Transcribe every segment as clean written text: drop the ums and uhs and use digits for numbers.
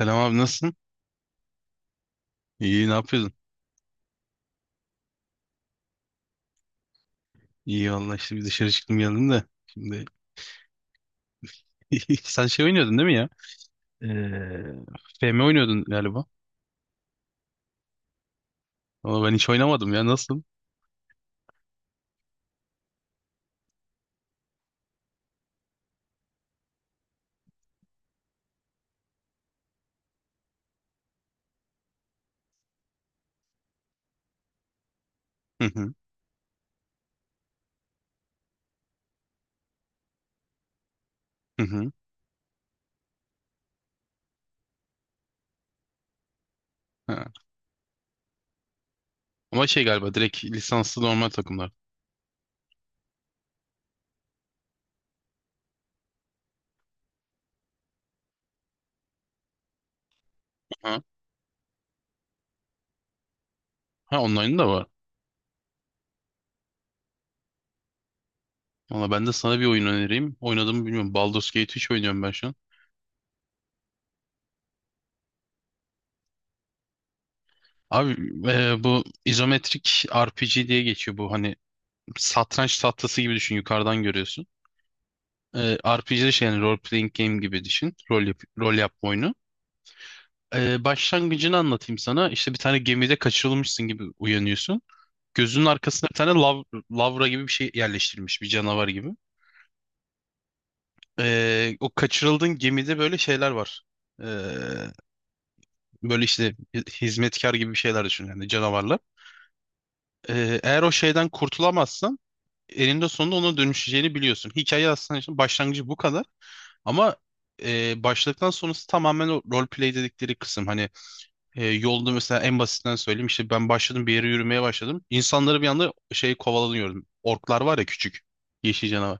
Selam abi nasılsın? İyi ne yapıyordun? İyi valla işte bir dışarı çıktım geldim de. Şimdi sen şey oynuyordun değil mi ya? Ee, FM oynuyordun galiba. Ama ben hiç oynamadım ya nasıl? Hı hı. Hı hı. Ha. Ama şey galiba direkt lisanslı normal takımlar. Ha, ha online'ı da var. Valla ben de sana bir oyun önereyim. Oynadığımı bilmiyorum. Baldur's Gate 3 oynuyorum ben şu an. Abi bu izometrik RPG diye geçiyor bu hani satranç tahtası gibi düşün yukarıdan görüyorsun. RPG şey yani role playing game gibi düşün. Rol, rol yapma oyunu. Başlangıcını anlatayım sana. İşte bir tane gemide kaçırılmışsın gibi uyanıyorsun. Gözünün arkasına bir tane lavra gibi bir şey yerleştirilmiş bir canavar gibi. O kaçırıldığın gemide böyle şeyler var. Ee, böyle işte hizmetkar gibi bir şeyler düşün yani canavarlar. Eğer o şeyden kurtulamazsan eninde sonunda ona dönüşeceğini biliyorsun. Hikaye aslında işte başlangıcı bu kadar. Ama başladıktan sonrası tamamen o role play dedikleri kısım. Hani yolda mesela en basitinden söyleyeyim işte ben başladım bir yere yürümeye başladım. İnsanları bir anda şey kovalanıyordum. Orklar var ya, küçük yeşil canavar.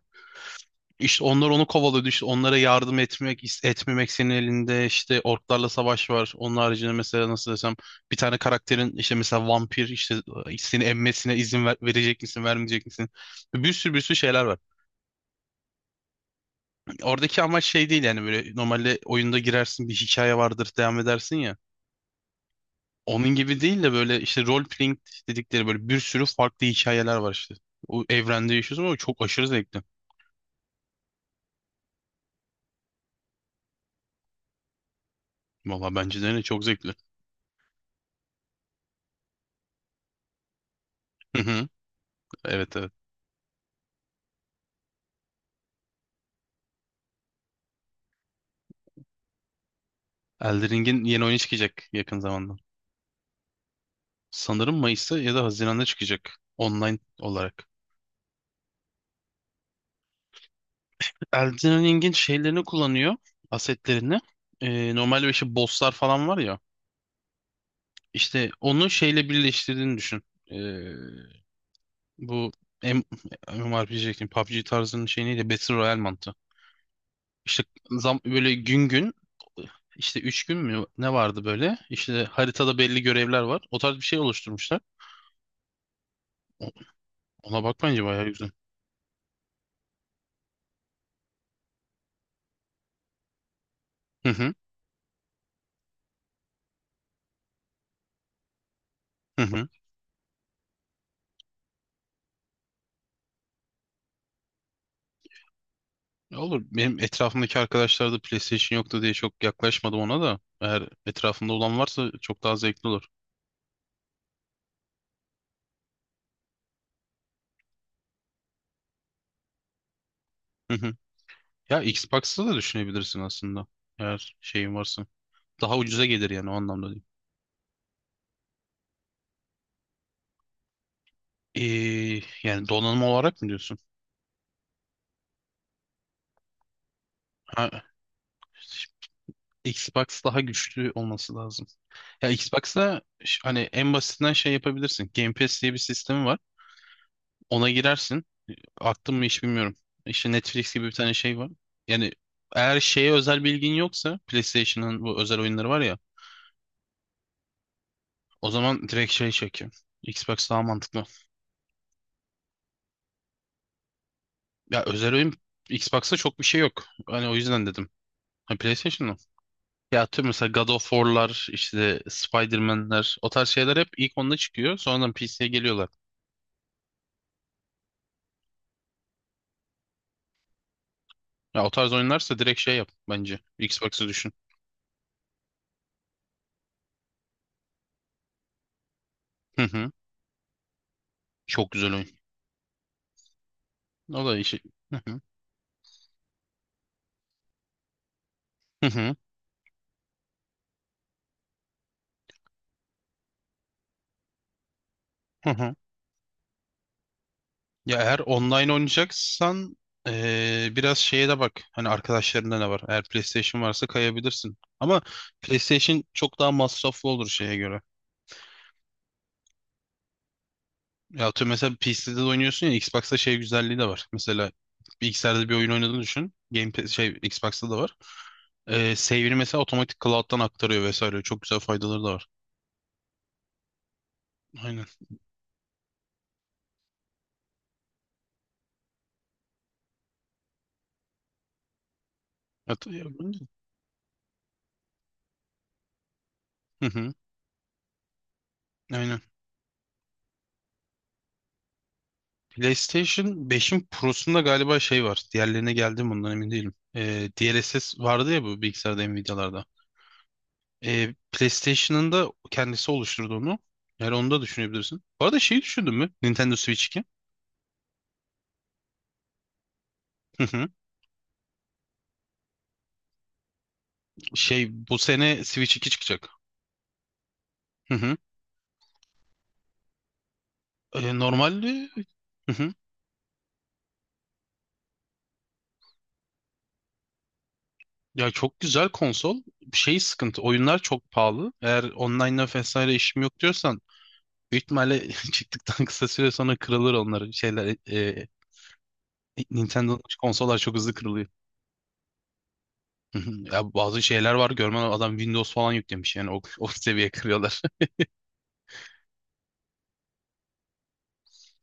İşte onlar onu kovalıyordu. İşte onlara yardım etmek, etmemek senin elinde. İşte orklarla savaş var. Onun haricinde mesela nasıl desem, bir tane karakterin işte mesela vampir işte, seni emmesine izin verecek misin, vermeyecek misin? Bir sürü bir sürü şeyler var. Oradaki amaç şey değil yani, böyle normalde oyunda girersin, bir hikaye vardır, devam edersin ya. Onun gibi değil de böyle işte role playing dedikleri böyle bir sürü farklı hikayeler var işte. O evrende yaşıyorsun ama çok aşırı zevkli. Valla bence de öyle, çok zevkli. Hı hı. Evet, evet. Elden Ring'in yeni oyunu çıkacak yakın zamanda. Sanırım Mayıs'ta ya da Haziran'da çıkacak online olarak. Elden Ring'in şeylerini kullanıyor, asetlerini. Normalde işte bosslar falan var ya. İşte onu şeyle birleştirdiğini düşün. Bu M MMORPG diyecektim. PUBG tarzının şey neydi? Battle Royale mantığı. İşte zam böyle gün gün, işte 3 gün mü ne vardı böyle? İşte haritada belli görevler var. O tarz bir şey oluşturmuşlar. O- Ona bak, bence bayağı güzel. Hı hı. Hı hı. Ya olur. Benim etrafımdaki arkadaşlar da PlayStation yoktu diye çok yaklaşmadım ona da. Eğer etrafında olan varsa çok daha zevkli olur. Hı hı. Ya Xbox'ta da düşünebilirsin aslında. Eğer şeyin varsa. Daha ucuza gelir yani, o anlamda değil. Ee, yani donanım olarak mı diyorsun? Ha, Xbox daha güçlü olması lazım. Ya Xbox'ta hani en basitinden şey yapabilirsin. Game Pass diye bir sistemi var. Ona girersin. Aklım mı hiç bilmiyorum. İşte Netflix gibi bir tane şey var. Yani eğer şeye özel bilgin yoksa, PlayStation'ın bu özel oyunları var ya. O zaman direkt şey çekiyor. Xbox daha mantıklı. Ya özel oyun Xbox'ta çok bir şey yok. Hani o yüzden dedim. Ha, PlayStation'da. Ya tüm mesela God of War'lar, işte Spider-Man'ler, o tarz şeyler hep ilk onda çıkıyor. Sonradan PC'ye geliyorlar. Ya o tarz oyunlarsa direkt şey yap bence. Xbox'ı düşün. Hı hı. Çok güzel oyun. O da işi. Hı hı. Hı hı. Hı hı. Ya eğer online oynayacaksan, biraz şeye de bak. Hani arkadaşlarında ne var? Eğer PlayStation varsa kayabilirsin. Ama PlayStation çok daha masraflı olur şeye göre. Ya atıyorum mesela PC'de de oynuyorsun ya, Xbox'ta şey güzelliği de var. Mesela bilgisayarda bir oyun oynadığını düşün. Şey Xbox'ta da var. Save'ini mesela otomatik cloud'dan aktarıyor vesaire. Çok güzel faydaları da var. Aynen. Hatta- Hı hı. Aynen. PlayStation 5'in Pro'sunda galiba şey var. Diğerlerine geldim ondan emin değilim. DLSS vardı ya bu bilgisayarda, Nvidia'larda. PlayStation'ın da kendisi oluşturdu onu. Yani onu da düşünebilirsin. Bu arada şeyi düşündün mü? Nintendo Switch 2. Hı hı. Şey, bu sene Switch 2 çıkacak. Hı hı. Normalde. Hı hı. Ya çok güzel konsol. Şey sıkıntı. Oyunlar çok pahalı. Eğer online'la vesaire işim yok diyorsan, büyük ihtimalle çıktıktan kısa süre sonra kırılır onlar, şeyler, Nintendo'nun konsollar çok hızlı kırılıyor. Hı hı. Ya bazı şeyler var, görmen lazım. Adam Windows falan yüklemiş yani, o seviye kırıyorlar.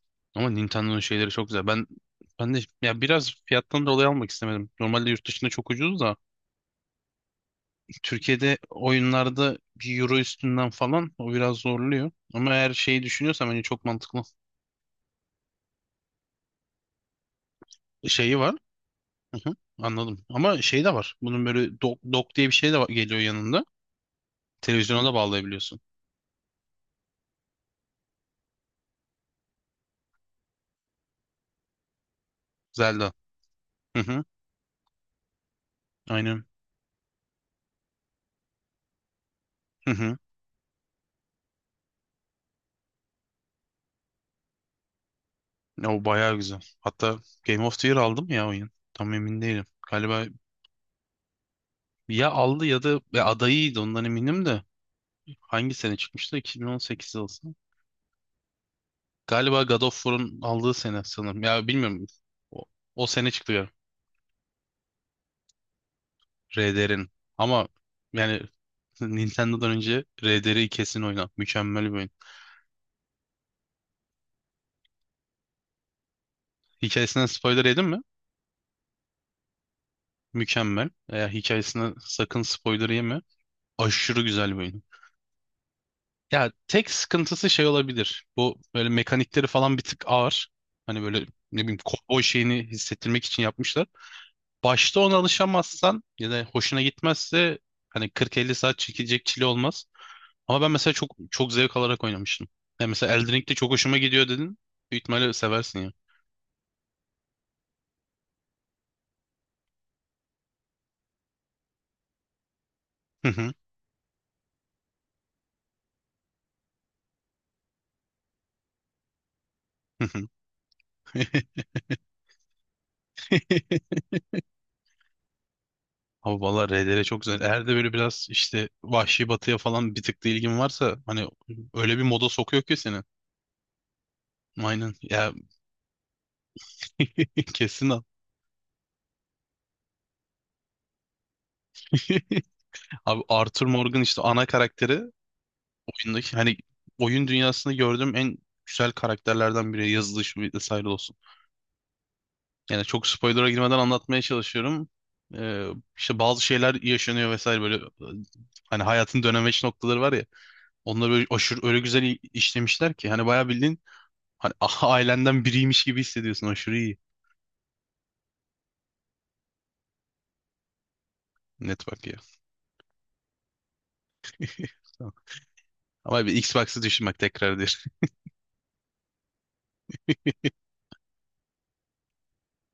Ama Nintendo'nun şeyleri çok güzel. Ben de ya biraz fiyattan dolayı almak istemedim. Normalde yurt dışında çok ucuz da, Türkiye'de oyunlarda bir euro üstünden falan, o biraz zorluyor. Ama eğer şeyi düşünüyorsam, hani çok mantıklı. Şeyi var. Hı hı, anladım. Ama şey de var. Bunun böyle dock, diye bir şey de geliyor yanında. Televizyona da bağlayabiliyorsun. Zelda. Hı hı, aynen. Ya o bayağı güzel. Hatta Game of the Year aldı mı ya oyun? Tam emin değilim. Galiba ya aldı ya da ya adayıydı, ondan eminim de. Hangi sene çıkmıştı? 2018 olsun. Galiba God of War'un aldığı sene sanırım. Ya bilmiyorum. O, o sene çıktı ya RDR'in. Ama yani Nintendo'dan önce RDR'i kesin oyna. Mükemmel bir oyun. Hikayesinden spoiler yedin mi? Mükemmel. Eğer hikayesine sakın spoiler yeme. Aşırı güzel bir oyun. Ya tek sıkıntısı şey olabilir. Bu böyle mekanikleri falan bir tık ağır. Hani böyle, ne bileyim, kovboy şeyini hissettirmek için yapmışlar. Başta ona alışamazsan ya da hoşuna gitmezse, hani 40-50 saat çekecek çile olmaz. Ama ben mesela çok çok zevk alarak oynamıştım. Ya mesela Elden Ring'de çok hoşuma gidiyor dedin. Büyük ihtimalle seversin ya. Hı hı, hı hı. Ama valla RDR çok güzel. Eğer de böyle biraz işte Vahşi Batı'ya falan bir tık da ilgin varsa, hani öyle bir moda sokuyor ki seni. Aynen. Ya kesin al. Abi Arthur Morgan, işte ana karakteri oyundaki, hani oyun dünyasında gördüğüm en güzel karakterlerden biri, yazılışı vesaire olsun. Yani çok spoiler'a girmeden anlatmaya çalışıyorum. Ee, işte bazı şeyler yaşanıyor vesaire, böyle, hani hayatın dönemeç noktaları var ya. Onları böyle aşırı öyle güzel işlemişler ki, hani bayağı bildiğin, hani ailenden biriymiş gibi hissediyorsun, aşırı iyi. Network ya. Tamam. Ama bir Xbox'ı düşün bak tekrar